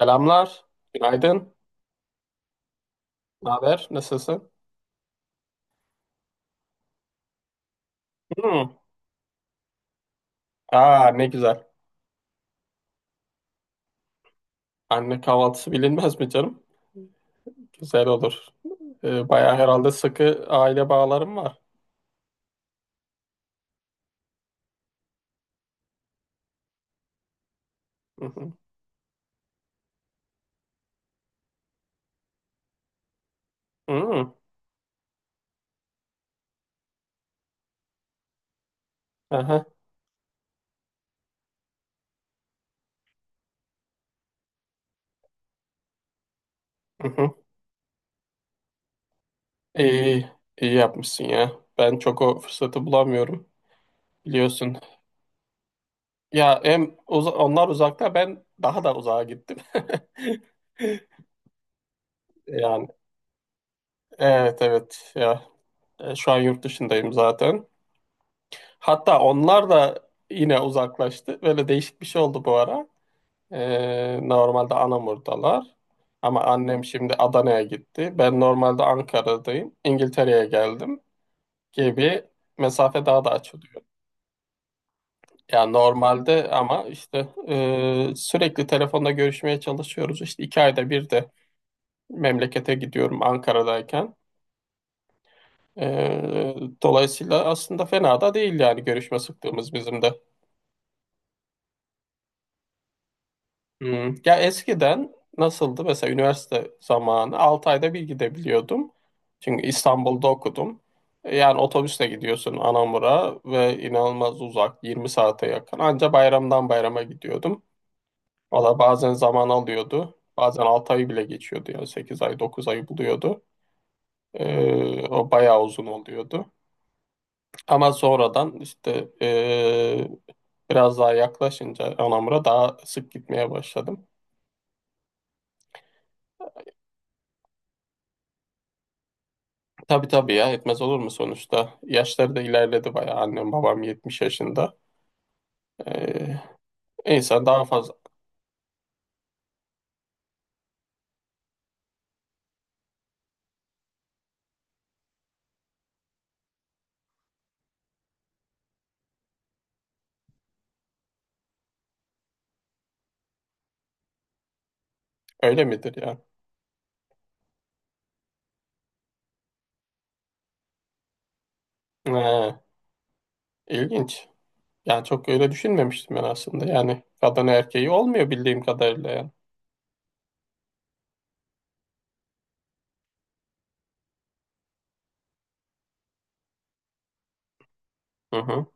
Selamlar, günaydın, ne haber, nasılsın? Hmm. Aa ne güzel. Anne kahvaltısı bilinmez mi canım? Güzel olur. Bayağı herhalde sıkı aile bağlarım var. Hı hı. Hmm. Aha. Hı hı. İyi, iyi yapmışsın ya. Ben çok o fırsatı bulamıyorum, biliyorsun. Ya hem onlar uzakta, ben daha da uzağa gittim. Yani evet evet ya. Şu an yurt dışındayım zaten. Hatta onlar da yine uzaklaştı. Böyle değişik bir şey oldu bu ara. Normalde Anamur'dalar. Ama annem şimdi Adana'ya gitti. Ben normalde Ankara'dayım. İngiltere'ye geldim gibi mesafe daha da açılıyor. Yani normalde ama işte sürekli telefonda görüşmeye çalışıyoruz. İşte 2 ayda bir de memlekete gidiyorum Ankara'dayken. Ee, dolayısıyla aslında fena da değil yani görüşme sıklığımız bizim de. Hmm. Ya eskiden nasıldı? Mesela üniversite zamanı 6 ayda bir gidebiliyordum. Çünkü İstanbul'da okudum. Yani otobüsle gidiyorsun Anamur'a ve inanılmaz uzak 20 saate yakın. Anca bayramdan bayrama gidiyordum. Valla bazen zaman alıyordu. Bazen 6 ayı bile geçiyordu yani 8 ay 9 ayı buluyordu. O bayağı uzun oluyordu. Ama sonradan işte biraz daha yaklaşınca Anamur'a daha sık gitmeye başladım. Tabii tabii ya etmez olur mu sonuçta? Yaşları da ilerledi bayağı. Annem babam 70 yaşında. Ee, insan daha fazla öyle midir ya? Ee, ilginç. Yani çok öyle düşünmemiştim ben aslında. Yani kadın erkeği olmuyor bildiğim kadarıyla yani. Hı hı.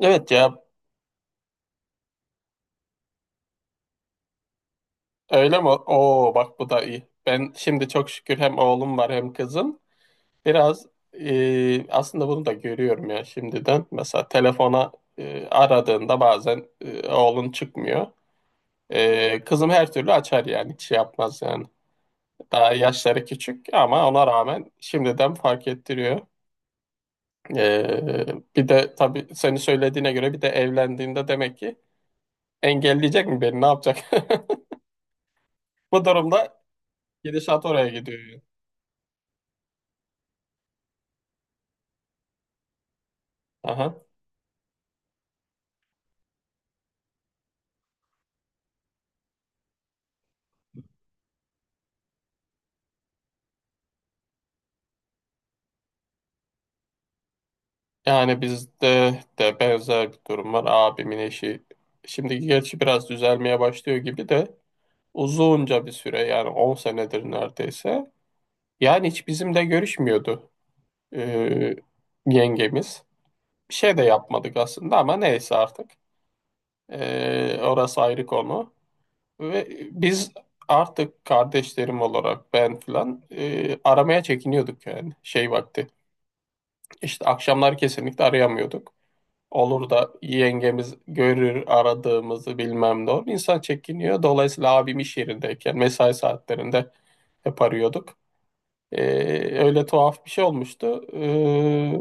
Evet ya öyle mi? Oo bak bu da iyi. Ben şimdi çok şükür hem oğlum var hem kızım. Biraz aslında bunu da görüyorum ya şimdiden. Mesela telefona aradığında bazen oğlun çıkmıyor. Kızım her türlü açar yani hiç şey yapmaz yani. Daha yaşları küçük ama ona rağmen şimdiden fark ettiriyor. Ee, bir de tabii seni söylediğine göre bir de evlendiğinde demek ki engelleyecek mi beni ne yapacak? Bu durumda gidişat oraya gidiyor. Yani. Aha. Yani bizde de benzer bir durum var. Abimin eşi şimdi gerçi biraz düzelmeye başlıyor gibi de uzunca bir süre yani 10 senedir neredeyse. Yani hiç bizimle görüşmüyordu. e, yengemiz. Bir şey de yapmadık aslında ama neyse artık. E, orası ayrı konu. Ve biz artık kardeşlerim olarak ben filan aramaya çekiniyorduk yani şey vakti. İşte akşamlar kesinlikle arayamıyorduk. Olur da yengemiz görür aradığımızı bilmem ne olur. İnsan çekiniyor. Dolayısıyla abim iş yerindeyken mesai saatlerinde hep arıyorduk. Öyle tuhaf bir şey olmuştu. Ee,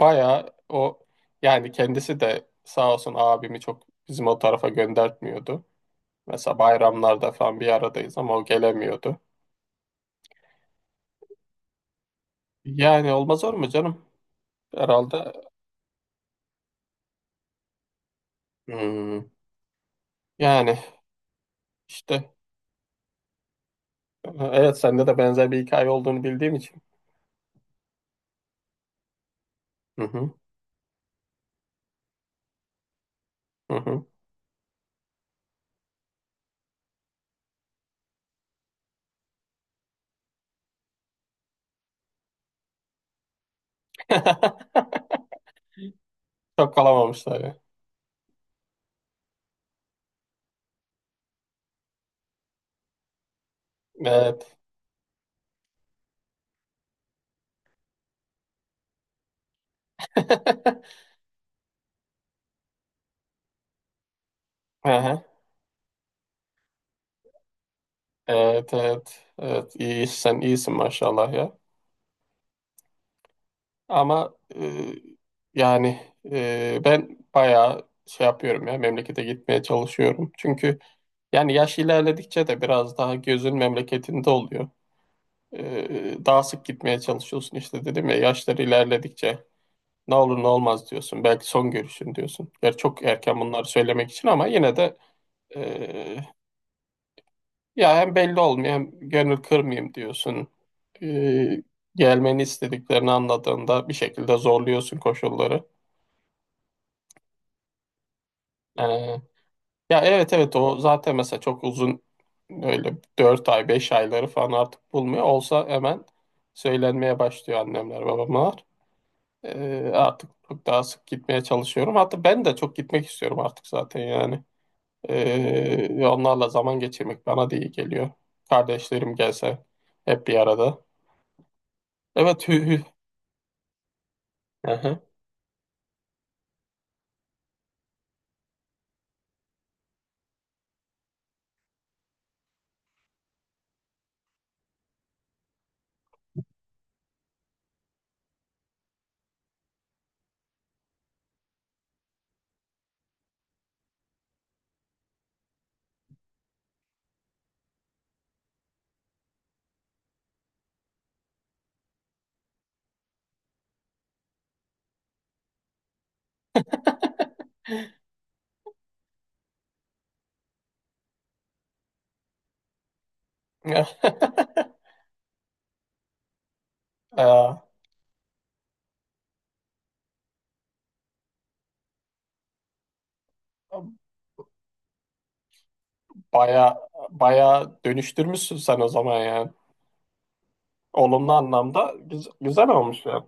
bayağı o yani kendisi de sağ olsun abimi çok bizim o tarafa göndertmiyordu. Mesela bayramlarda falan bir aradayız ama o gelemiyordu. Yani olmaz olur mu canım? Herhalde hmm, yani işte evet sende de benzer bir hikaye olduğunu bildiğim için. Hı hı, hı hı. Çok kalamamışlar ya. Evet. Aha, evet, evet, evet. İyi, sen iyisin maşallah ya. Ama yani ben bayağı şey yapıyorum ya memlekete gitmeye çalışıyorum. Çünkü yani yaş ilerledikçe de biraz daha gözün memleketinde oluyor. E, daha sık gitmeye çalışıyorsun işte dedim ya yaşlar ilerledikçe ne olur ne olmaz diyorsun. Belki son görüşün diyorsun. Gerçi çok erken bunları söylemek için ama yine de e, ya hem belli olmuyor hem gönül kırmayayım diyorsun. E, gelmeni istediklerini anladığında bir şekilde zorluyorsun koşulları. E, Ya evet evet o zaten mesela çok uzun öyle 4 ay 5 ayları falan artık bulmuyor. Olsa hemen söylenmeye başlıyor annemler babamlar. Artık çok daha sık gitmeye çalışıyorum. Hatta ben de çok gitmek istiyorum artık zaten yani. Onlarla zaman geçirmek bana da iyi geliyor. Kardeşlerim gelse hep bir arada. Evet hü hü. Hı. Ee, baya baya dönüştürmüşsün sen o zaman yani. Olumlu anlamda güzel olmuş yani.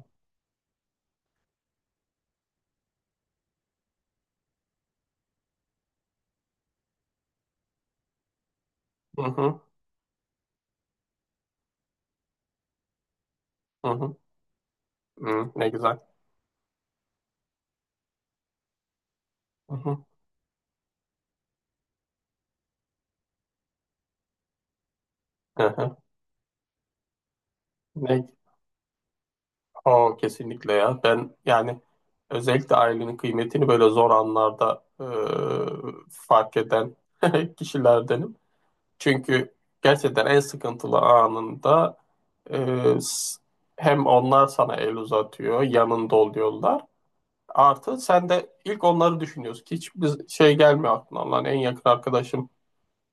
Hı hı, hı hı. Hı, ne güzel. Hı hı, hı hı. Ne, o kesinlikle ya. Ben yani özellikle ailenin kıymetini böyle zor anlarda fark eden kişilerdenim. Çünkü gerçekten en sıkıntılı anında e, s- hem onlar sana el uzatıyor, yanında oluyorlar. Artı sen de ilk onları düşünüyorsun ki hiçbir şey gelmiyor aklına. Lan en yakın arkadaşım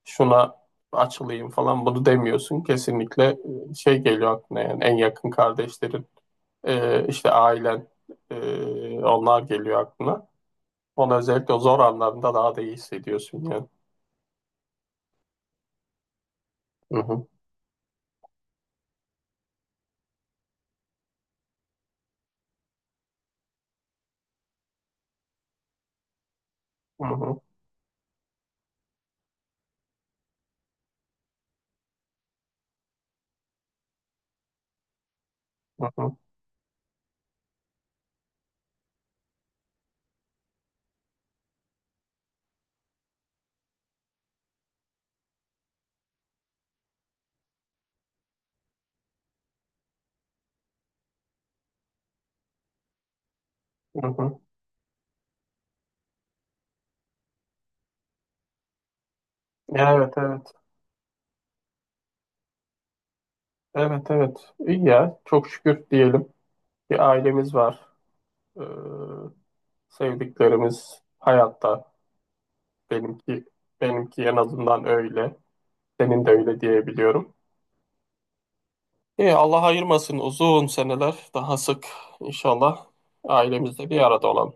şuna açılayım falan bunu demiyorsun. Kesinlikle şey geliyor aklına yani en yakın kardeşlerin işte ailen onlar geliyor aklına. Onu özellikle o zor anlarında daha da iyi hissediyorsun yani. Hı hı, hı hı, hı hı, hı hı. Ya evet evet. Evet evet. İyi ya. Çok şükür diyelim. Bir ailemiz var. Ee, sevdiklerimiz hayatta. Benimki benimki en azından öyle. Senin de öyle diyebiliyorum. İyi, Allah ayırmasın uzun seneler daha sık inşallah ailemizle bir arada olalım.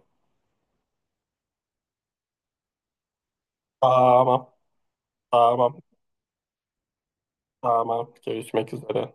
Tamam, tamam, tamam. Görüşmek üzere.